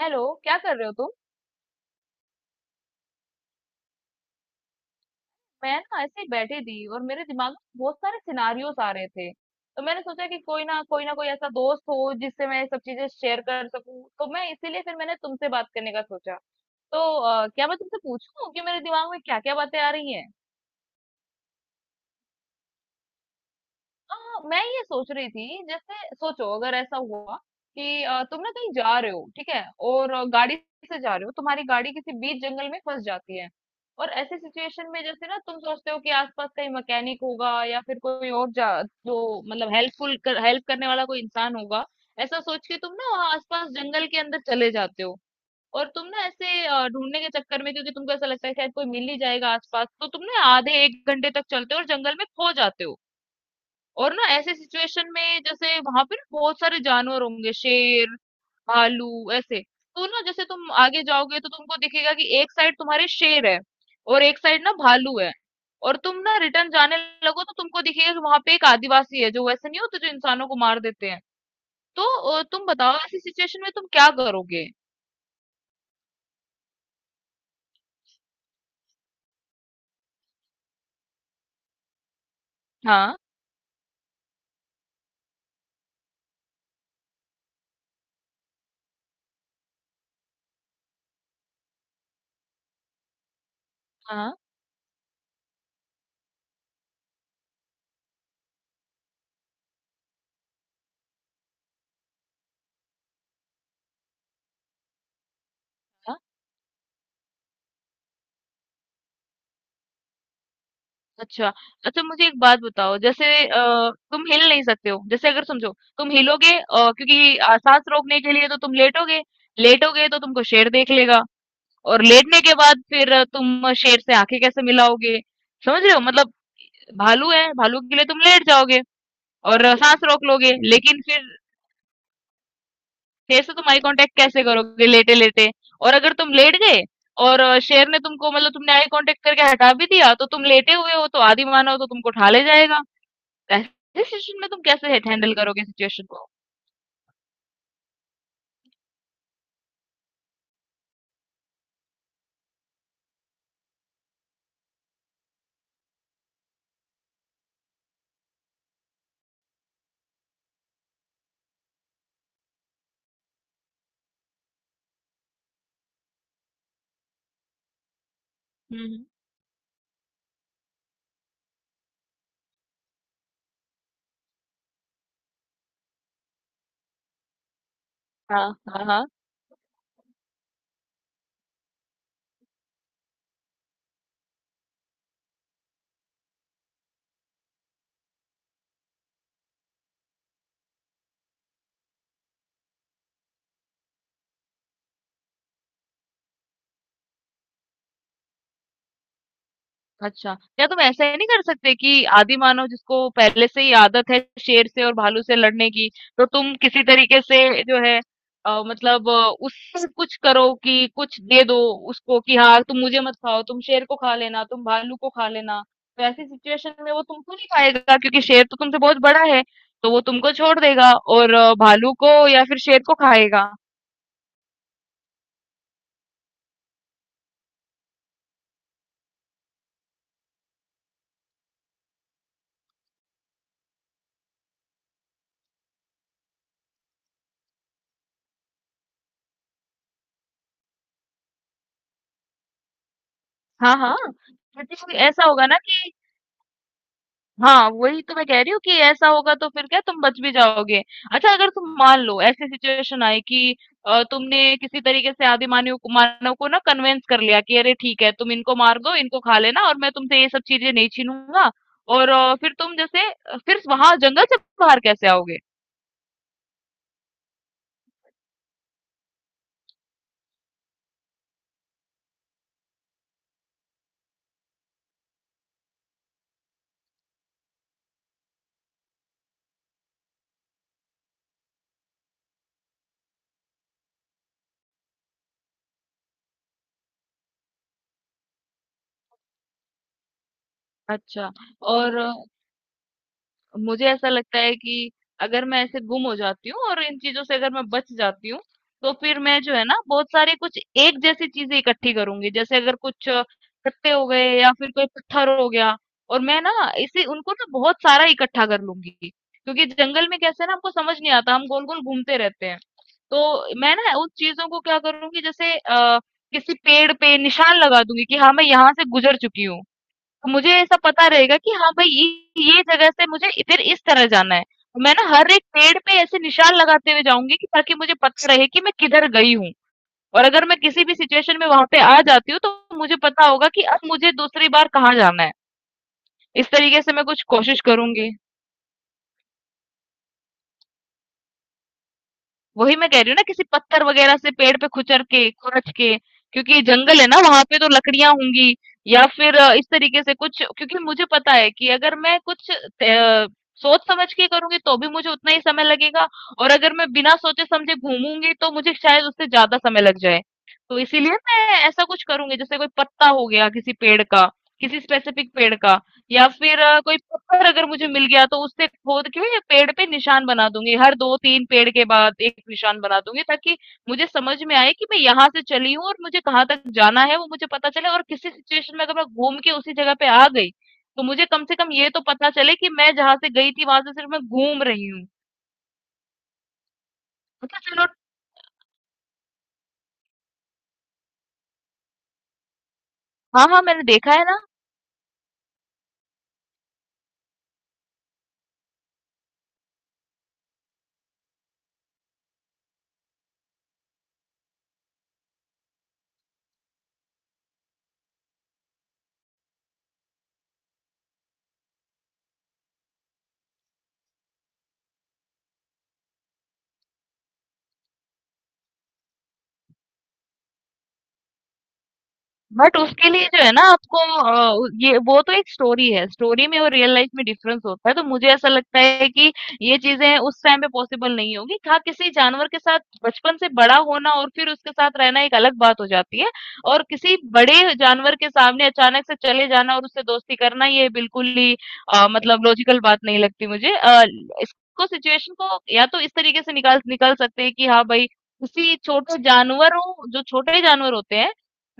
Hello. क्या कर रहे हो तुम? मैं ना ऐसे ही बैठी थी और मेरे दिमाग में बहुत सारे सिनारियोस आ रहे थे, तो मैंने सोचा कि कोई ना, कोई ऐसा दोस्त हो जिससे मैं ये सब चीजें शेयर कर सकूं, तो मैं इसीलिए फिर मैंने तुमसे बात करने का सोचा। तो क्या मैं तुमसे पूछूं कि मेरे दिमाग में क्या क्या बातें आ रही हैं? हाँ, मैं ये सोच रही थी, जैसे सोचो अगर ऐसा हुआ कि तुम ना कहीं जा रहे हो, ठीक है। और गाड़ी से जा रहे हो, तुम्हारी गाड़ी किसी बीच जंगल में फंस जाती है। और ऐसी सिचुएशन में जैसे ना तुम सोचते हो कि आसपास कहीं मैकेनिक होगा या फिर कोई और जा जो मतलब हेल्प करने वाला कोई इंसान होगा। ऐसा सोच के तुम ना वहाँ आसपास जंगल के अंदर चले जाते हो। और तुम ना ऐसे ढूंढने के चक्कर में, क्योंकि तुमको ऐसा लगता है शायद कोई मिल ही जाएगा आसपास, तो तुम ना आधे एक घंटे तक चलते हो और जंगल में खो जाते हो। और ना ऐसे सिचुएशन में, जैसे वहां पे ना बहुत सारे जानवर होंगे, शेर, भालू ऐसे। तो ना जैसे तुम आगे जाओगे तो तुमको दिखेगा कि एक साइड तुम्हारे शेर है और एक साइड ना भालू है। और तुम ना रिटर्न जाने लगो तो तुमको दिखेगा कि वहां पे एक आदिवासी है जो वैसे नहीं होते, जो इंसानों को मार देते हैं। तो तुम बताओ ऐसी सिचुएशन में तुम क्या करोगे? हाँ हाँ हाँ। अच्छा, अच्छा मुझे एक बात बताओ, जैसे तुम हिल नहीं सकते हो, जैसे अगर समझो तुम हिलोगे, क्योंकि सांस रोकने के लिए तो तुम लेटोगे। लेटोगे तो तुमको शेर देख लेगा। और लेटने के बाद फिर तुम शेर से आंखें कैसे मिलाओगे? समझ रहे हो मतलब? भालू है, भालू के लिए तुम लेट जाओगे और सांस रोक लोगे, लेकिन फिर शेर से तुम आई कांटेक्ट कैसे करोगे लेटे लेटे? और अगर तुम लेट गए और शेर ने तुमको मतलब तुमने आई कांटेक्ट करके हटा भी दिया, तो तुम लेटे हुए हो, तो आदि मानव तो तुमको उठा ले जाएगा। ऐसे सिचुएशन में तुम कैसे है हैंडल करोगे सिचुएशन को? हुँ, हुँ। हाँ, हाँ, हाँ। अच्छा, क्या तुम ऐसा ही नहीं कर सकते कि आदिमानव जिसको पहले से ही आदत है शेर से और भालू से लड़ने की, तो तुम किसी तरीके से जो है मतलब उससे कुछ करो कि कुछ दे दो उसको कि हाँ, तुम मुझे मत खाओ, तुम शेर को खा लेना, तुम भालू को खा लेना। तो ऐसी सिचुएशन में वो तुमको नहीं खाएगा, क्योंकि शेर तो तुमसे बहुत बड़ा है, तो वो तुमको छोड़ देगा और भालू को या फिर शेर को खाएगा। हाँ हाँ, क्योंकि कोई ऐसा होगा ना कि हाँ, वही तो मैं कह रही हूँ कि ऐसा होगा तो फिर क्या तुम बच भी जाओगे? अच्छा अगर तुम मान लो ऐसी सिचुएशन आई कि तुमने किसी तरीके से आदि मानव को ना कन्वेंस कर लिया कि अरे ठीक है तुम इनको मार दो, इनको खा लेना और मैं तुमसे ये सब चीजें नहीं छीनूंगा। और फिर तुम जैसे फिर वहां जंगल से बाहर कैसे आओगे? अच्छा, और मुझे ऐसा लगता है कि अगर मैं ऐसे गुम हो जाती हूँ और इन चीजों से अगर मैं बच जाती हूँ, तो फिर मैं जो है ना बहुत सारी कुछ एक जैसी चीजें इकट्ठी करूंगी, जैसे अगर कुछ कट्टे हो गए या फिर कोई पत्थर हो गया और मैं ना इसे उनको ना बहुत सारा इकट्ठा कर लूंगी, क्योंकि जंगल में कैसे ना हमको समझ नहीं आता, हम गोल गोल घूमते रहते हैं। तो मैं ना उन चीजों को क्या करूंगी, जैसे किसी पेड़ पे निशान लगा दूंगी कि हाँ मैं यहाँ से गुजर चुकी हूँ। मुझे ऐसा पता रहेगा कि हाँ भाई ये जगह से मुझे फिर इस तरह जाना है। मैं ना हर एक पेड़ पे ऐसे निशान लगाते हुए जाऊंगी कि ताकि मुझे पता रहे कि मैं किधर गई हूँ। और अगर मैं किसी भी सिचुएशन में वहां पे आ जाती हूँ, तो मुझे पता होगा कि अब मुझे दूसरी बार कहाँ जाना है। इस तरीके से मैं कुछ कोशिश करूंगी। वही मैं कह रही हूँ ना, किसी पत्थर वगैरह से पेड़ पे खुचर के खुरच के, क्योंकि जंगल है ना, वहां पे तो लकड़ियां होंगी। या फिर इस तरीके से कुछ, क्योंकि मुझे पता है कि अगर मैं कुछ सोच समझ के करूंगी तो भी मुझे उतना ही समय लगेगा। और अगर मैं बिना सोचे समझे घूमूंगी तो मुझे शायद उससे ज्यादा समय लग जाए। तो इसीलिए मैं ऐसा कुछ करूंगी, जैसे कोई पत्ता हो गया किसी पेड़ का, किसी स्पेसिफिक पेड़ का, या फिर कोई पत्थर अगर मुझे मिल गया तो उससे खोद के या पेड़ पे निशान बना दूंगी, हर दो तीन पेड़ के बाद एक निशान बना दूंगी, ताकि मुझे समझ में आए कि मैं यहाँ से चली हूँ और मुझे कहाँ तक जाना है वो मुझे पता चले। और किसी सिचुएशन में अगर मैं घूम के उसी जगह पे आ गई तो मुझे कम से कम ये तो पता चले कि मैं जहाँ से गई थी वहां से सिर्फ मैं घूम रही हूँ। अच्छा चलो। हाँ हाँ, मैंने देखा है ना। बट उसके लिए जो है ना आपको ये वो तो एक स्टोरी है, स्टोरी में और रियल लाइफ में डिफरेंस होता है, तो मुझे ऐसा लगता है कि ये चीजें उस टाइम पे पॉसिबल नहीं होगी। हाँ, किसी जानवर के साथ बचपन से बड़ा होना और फिर उसके साथ रहना एक अलग बात हो जाती है। और किसी बड़े जानवर के सामने अचानक से चले जाना और उससे दोस्ती करना, ये बिल्कुल ही मतलब लॉजिकल बात नहीं लगती मुझे। इसको सिचुएशन को या तो इस तरीके से निकाल निकाल सकते हैं कि हाँ भाई, किसी छोटे जानवरों, जो छोटे जानवर होते हैं,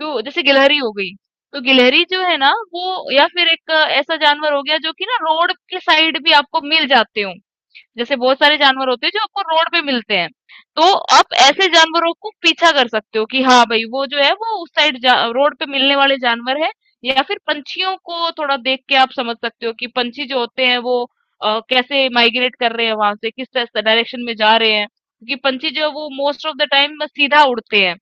जो जैसे गिलहरी हो गई, तो गिलहरी जो है ना वो, या फिर एक ऐसा जानवर हो गया जो कि ना रोड के साइड भी आपको मिल जाते हो। जैसे बहुत सारे जानवर होते हैं जो आपको रोड पे मिलते हैं, तो आप ऐसे जानवरों को पीछा कर सकते हो कि हाँ भाई वो जो है वो उस साइड रोड पे मिलने वाले जानवर है। या फिर पंछियों को थोड़ा देख के आप समझ सकते हो कि पंछी जो होते हैं वो कैसे माइग्रेट कर रहे हैं, वहां से किस डायरेक्शन में जा रहे हैं, क्योंकि पंछी जो है वो मोस्ट ऑफ द टाइम सीधा उड़ते हैं,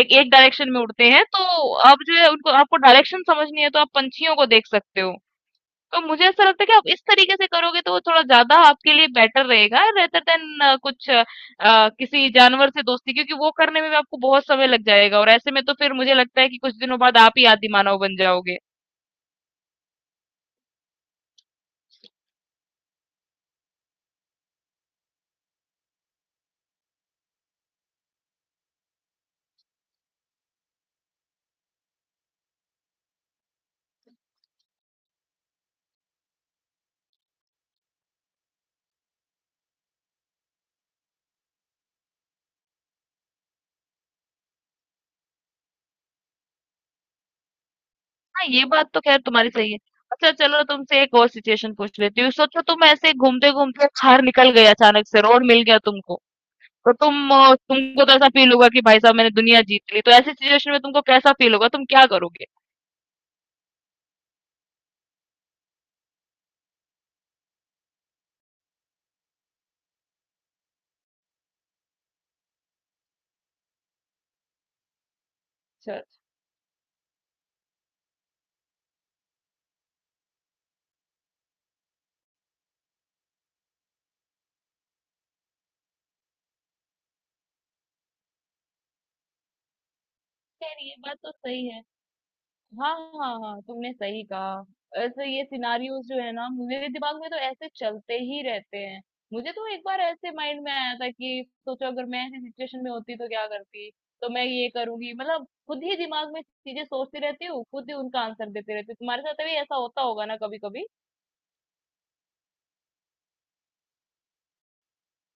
एक एक डायरेक्शन में उड़ते हैं। तो आप जो है उनको आपको डायरेक्शन समझनी है तो आप पंछियों को देख सकते हो। तो मुझे ऐसा लगता है कि आप इस तरीके से करोगे तो वो थोड़ा ज्यादा आपके लिए बेटर रहेगा रेदर देन कुछ किसी जानवर से दोस्ती, क्योंकि वो करने में भी आपको बहुत समय लग जाएगा और ऐसे में तो फिर मुझे लगता है कि कुछ दिनों बाद आप ही आदि मानव बन जाओगे। हाँ ये बात तो खैर तुम्हारी सही है। अच्छा चलो, तुमसे एक और सिचुएशन पूछ लेती हूँ। सोचो तुम ऐसे घूमते घूमते बाहर निकल गए, अचानक से रोड मिल गया तुमको, तो तुम तुमको तो ऐसा फील होगा कि भाई साहब मैंने दुनिया जीत ली, तो ऐसी सिचुएशन में तुमको कैसा फील होगा, तुम क्या करोगे? अच्छा। खैर ये बात तो सही है। हाँ। हाँ हाँ, तुमने सही कहा। ऐसे ये सिनारियोज जो है ना मेरे दिमाग में तो ऐसे चलते ही रहते हैं। मुझे तो एक बार ऐसे माइंड में आया था कि सोचो अगर मैं ऐसी सिचुएशन में होती तो क्या करती, तो मैं ये करूंगी, मतलब खुद ही दिमाग में चीजें सोचती रहती हूँ, खुद ही उनका आंसर देती रहती हूँ। तुम्हारे साथ भी ऐसा होता होगा ना कभी कभी?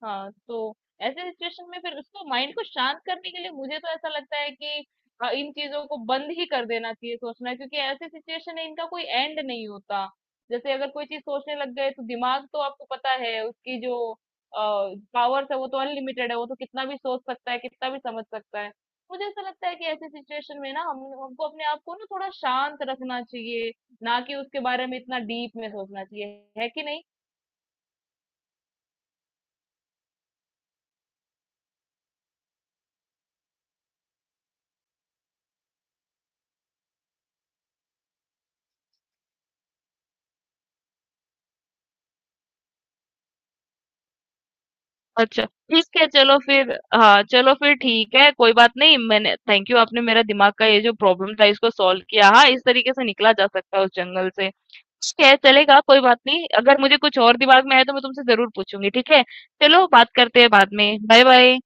हाँ, तो ऐसे सिचुएशन में फिर उसको माइंड को शांत करने के लिए मुझे तो ऐसा लगता है कि इन चीजों को बंद ही कर देना चाहिए सोचना, क्योंकि ऐसे सिचुएशन है इनका कोई एंड नहीं होता। जैसे अगर कोई चीज सोचने लग गए तो दिमाग तो आपको पता है उसकी जो पावर्स है वो तो अनलिमिटेड है, वो तो कितना भी सोच सकता है, कितना भी समझ सकता है। मुझे ऐसा लगता है कि ऐसे सिचुएशन में ना हम हमको अपने आप को ना थोड़ा शांत रखना चाहिए, ना कि उसके बारे में इतना डीप में सोचना चाहिए, है कि नहीं? अच्छा, ठीक है, चलो फिर। हाँ, चलो फिर ठीक है, कोई बात नहीं। मैंने थैंक यू, आपने मेरा दिमाग का ये जो प्रॉब्लम था इसको सॉल्व किया। हाँ, इस तरीके से निकला जा सकता है उस जंगल से। ठीक है, चलेगा, कोई बात नहीं। अगर मुझे कुछ और दिमाग में आया तो मैं तुमसे ज़रूर पूछूँगी, ठीक है? चलो, बात करते हैं बाद में। बाय-बाय।